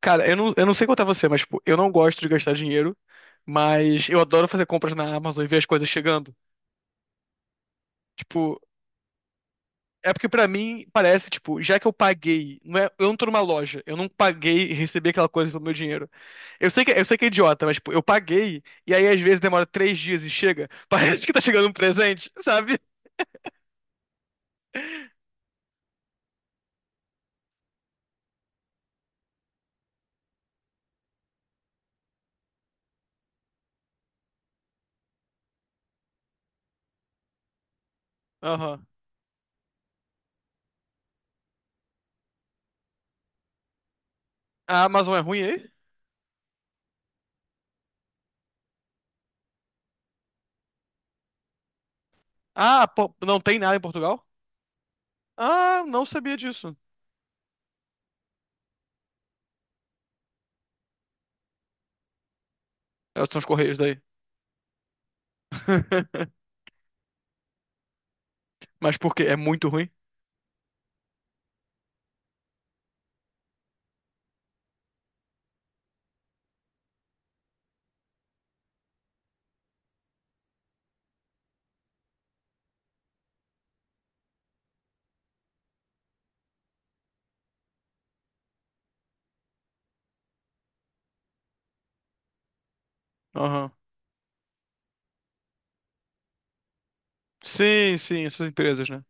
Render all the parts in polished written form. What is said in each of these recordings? Cara, eu não sei quanto é você, mas, tipo, eu não gosto de gastar dinheiro, mas eu adoro fazer compras na Amazon e ver as coisas chegando. Tipo, é porque pra mim parece, tipo, já que eu paguei, não é, eu não tô numa loja, eu não paguei e recebi aquela coisa pelo meu dinheiro. Eu sei que é idiota, mas, tipo, eu paguei e aí às vezes demora 3 dias e chega. Parece que tá chegando um presente, sabe? Aham. A Amazon é ruim aí? Ah, pô, não tem nada em Portugal? Ah, não sabia disso. É, são os Correios daí. Mas por quê? É muito ruim? Aham. Sim, sim, essas empresas, né?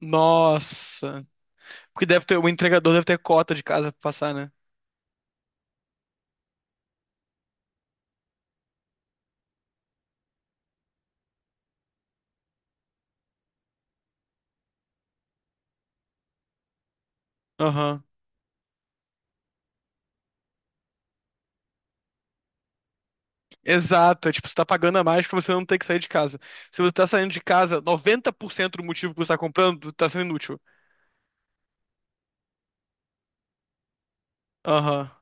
Nossa. Porque deve ter, o entregador deve ter cota de casa pra passar, né? Aham. Exato. É tipo, você tá pagando a mais pra você não ter que sair de casa. Se você tá saindo de casa, 90% do motivo que você tá comprando tá sendo inútil. Aham.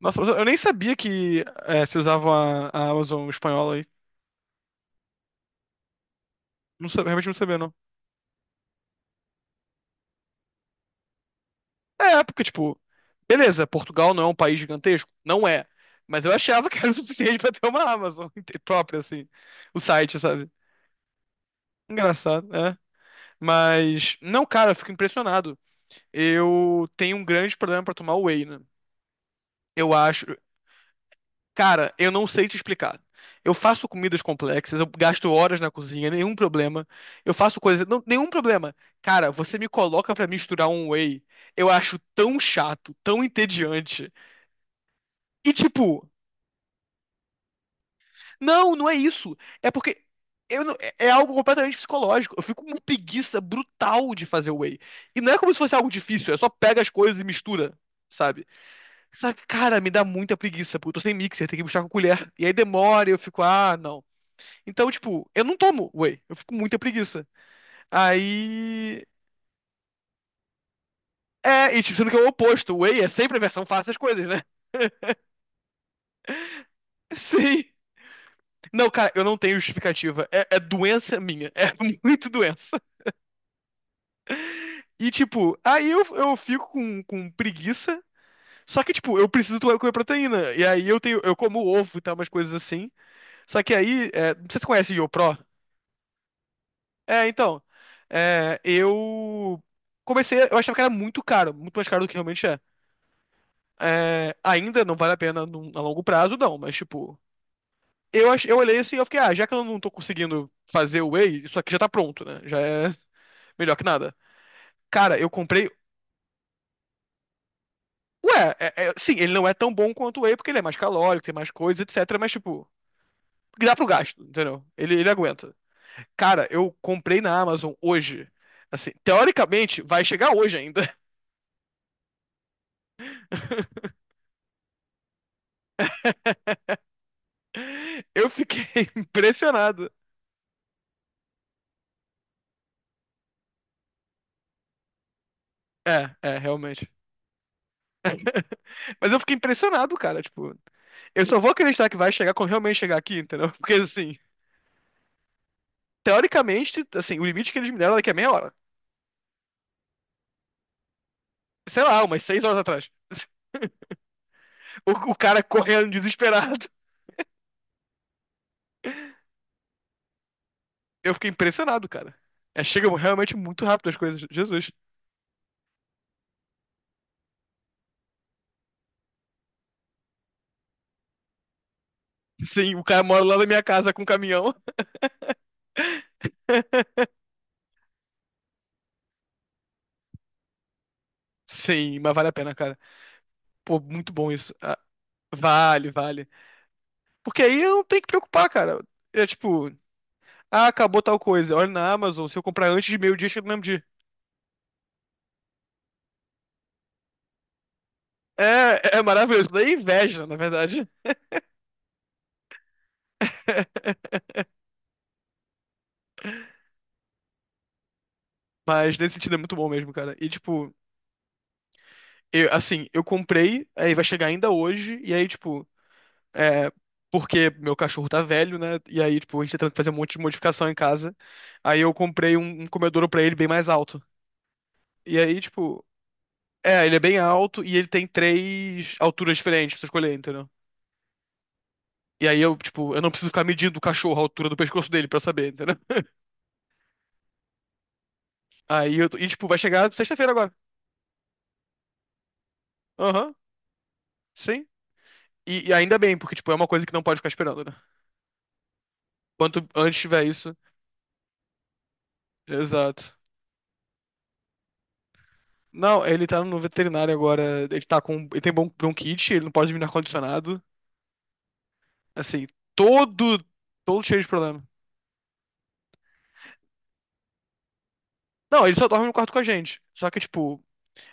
Nossa, mas eu nem sabia que é, se usava a Amazon espanhola aí. Não sabia, realmente não sabia, não. É, porque, tipo, beleza, Portugal não é um país gigantesco? Não é. Mas eu achava que era o suficiente pra ter uma Amazon própria, assim. O site, sabe? Engraçado, é. Mas, não, cara, eu fico impressionado. Eu tenho um grande problema pra tomar whey, né? Eu acho. Cara, eu não sei te explicar. Eu faço comidas complexas, eu gasto horas na cozinha, nenhum problema. Eu faço coisas. Não, nenhum problema. Cara, você me coloca pra misturar um whey. Eu acho tão chato, tão entediante. E tipo, não, não é isso. É porque. Eu não- é é algo completamente psicológico. Eu fico com uma preguiça brutal de fazer whey. E não é como se fosse algo difícil, é só pega as coisas e mistura, sabe? Só que, cara, me dá muita preguiça, porque eu tô sem mixer, tem que buscar com colher. E aí demora e eu fico, ah, não. Então, tipo, eu não tomo whey, eu fico com muita preguiça. Aí. É, e tipo, sendo que é o oposto, whey é sempre a versão fácil das coisas, né? Sim. Não, cara, eu não tenho justificativa. É, é doença minha. É muito doença. E, tipo, aí eu fico com preguiça. Só que, tipo, eu preciso tomar- comer proteína. E aí eu tenho, eu como ovo e tal, umas coisas assim. Só que aí, é, não sei se você conhece o YoPro. É, então. Eu comecei, eu achava que era muito caro, muito mais caro do que realmente é. É, ainda não vale a pena num- a longo prazo, não, mas tipo, eu, ach- eu olhei assim e eu fiquei, ah, já que eu não tô conseguindo fazer o Whey, isso aqui já tá pronto, né? Já é melhor que nada. Cara, eu comprei. Sim, ele não é tão bom quanto o Whey, porque ele é mais calórico, tem mais coisa, etc. Mas, tipo, dá pro gasto, entendeu? Ele aguenta. Cara, eu comprei na Amazon hoje. Assim, teoricamente, vai chegar hoje ainda. Eu fiquei impressionado. É, é, realmente. Mas eu fiquei impressionado, cara. Tipo, eu só vou acreditar que vai chegar quando realmente chegar aqui, entendeu? Porque, assim, teoricamente, assim, o limite que eles me deram é daqui a meia hora. Sei lá, umas 6 horas atrás. O cara correndo desesperado. Eu fiquei impressionado, cara. É, chega realmente muito rápido as coisas. Jesus. Sim, o cara mora lá na minha casa com um caminhão. Sim, mas vale a pena, cara. Pô, muito bom isso. Ah, vale, vale. Porque aí eu não tenho que preocupar, cara. É tipo, ah, acabou tal coisa. Olha na Amazon, se eu comprar antes de meio-dia, chega no mesmo dia. É maravilhoso. Daí é inveja, na verdade. Mas nesse sentido é muito bom mesmo, cara. E tipo, assim, eu comprei, aí vai chegar ainda hoje, e aí, tipo, é. Porque meu cachorro tá velho, né? E aí, tipo, a gente tá tentando fazer um monte de modificação em casa. Aí eu comprei um comedouro pra ele bem mais alto. E aí, tipo, é, ele é bem alto e ele tem 3 alturas diferentes pra você escolher, entendeu? E aí eu, tipo, eu não preciso ficar medindo o cachorro a altura do pescoço dele pra saber, entendeu? Aí eu. E, tipo, vai chegar sexta-feira agora. Aham, sim. E ainda bem, porque, tipo, é uma coisa que não pode ficar esperando, né? Quanto antes tiver isso. Exato. Não, ele tá no veterinário agora. Ele tá com. Ele tem bronquite, ele não pode dormir no ar-condicionado. Assim, todo. Todo cheio de problema. Não, ele só dorme no quarto com a gente. Só que, tipo,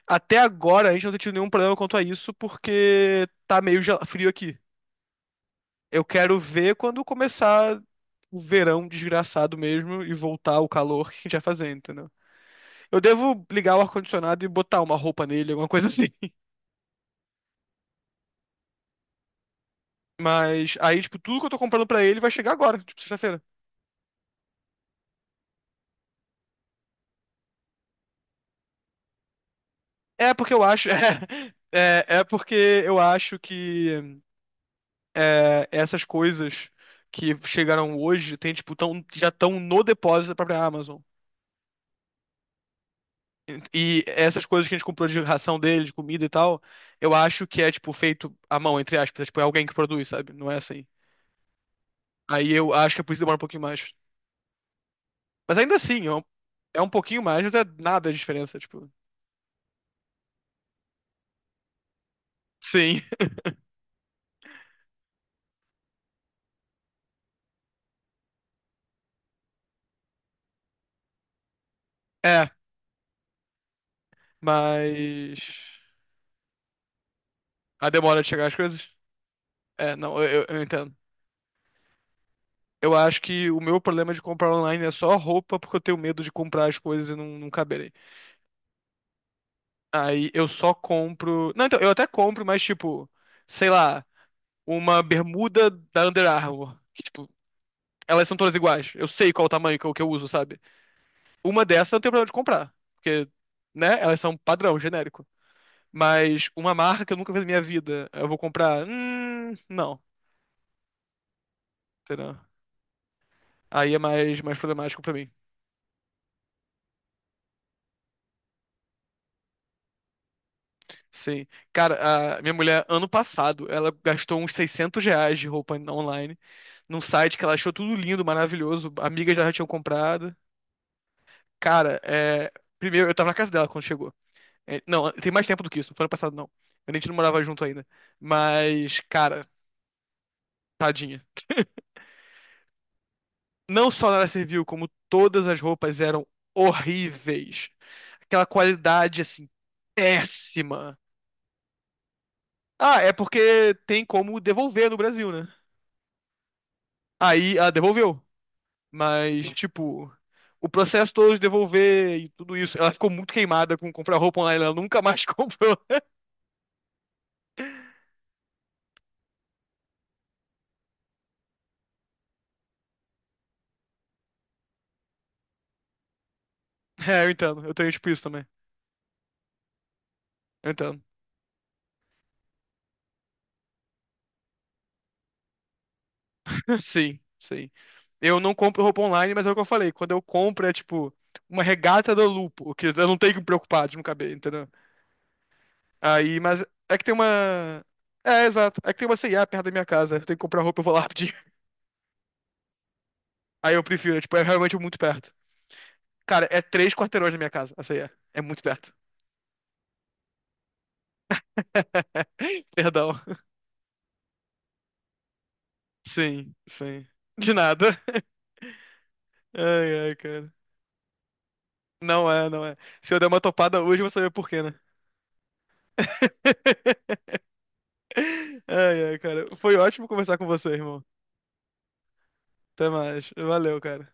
até agora a gente não tem tido nenhum problema quanto a isso, porque tá meio frio aqui. Eu quero ver quando começar o verão desgraçado mesmo e voltar o calor que a gente vai fazer, entendeu? Eu devo ligar o ar-condicionado e botar uma roupa nele, alguma coisa assim. Mas aí, tipo, tudo que eu tô comprando pra ele vai chegar agora, tipo, sexta-feira. É porque eu acho. É porque eu acho que essas coisas que chegaram hoje tem, tipo, tão, já estão no depósito da própria Amazon. E essas coisas que a gente comprou de ração dele, de comida e tal, eu acho que é, tipo, feito à mão, entre aspas. É, tipo, é alguém que produz, sabe? Não é assim. Aí eu acho que é por isso que demora um pouquinho mais. Mas ainda assim, é um pouquinho mais, mas é nada de diferença, tipo. Sim, é. Mas. A demora de chegar as coisas? É, não, eu entendo. Eu acho que o meu problema de comprar online é só roupa, porque eu tenho medo de comprar as coisas e não caberem. Aí eu só compro. Não, então, eu até compro, mas tipo, sei lá, uma bermuda da Under Armour. Que, tipo, elas são todas iguais. Eu sei qual o tamanho que eu uso, sabe? Uma dessas eu tenho problema de comprar. Porque, né? Elas são padrão, genérico. Mas uma marca que eu nunca vi na minha vida, eu vou comprar. Não, entendeu? Aí é mais problemático pra mim. Sim. Cara, a minha mulher, ano passado, ela gastou uns R$ 600 de roupa online, num site que ela achou tudo lindo, maravilhoso, amigas já tinham comprado. Cara, é... primeiro, eu tava na casa dela quando chegou. É, não, tem mais tempo do que isso, não foi ano passado, não. A gente não morava junto ainda. Mas, cara, tadinha. Não só ela serviu, como todas as roupas eram horríveis. Aquela qualidade, assim, péssima. Ah, é porque tem como devolver no Brasil, né? Aí ela devolveu. Mas, tipo, o processo todo de devolver e tudo isso. Ela ficou muito queimada com comprar roupa online, ela nunca mais comprou. É, eu entendo. Eu tenho, tipo, isso também. Eu entendo. Sim, sim. Eu não compro roupa online, mas é o que eu falei. Quando eu compro é tipo uma regata da Lupo, que eu não tenho que me preocupar de não caber, entendeu? Aí, mas é que tem uma. É, exato. É que tem uma C&A perto da minha casa. Eu tenho que comprar roupa, eu vou lá pedir. Aí eu prefiro, é, tipo, é realmente muito perto. Cara, é 3 quarteirões da minha casa, a C&A. É muito perto. Perdão. Sim, sim. De nada. Ai, ai, cara. Não é, não é. Se eu der uma topada hoje, eu vou saber por quê, né? Ai, ai, cara. Foi ótimo conversar com você, irmão. Até mais. Valeu, cara.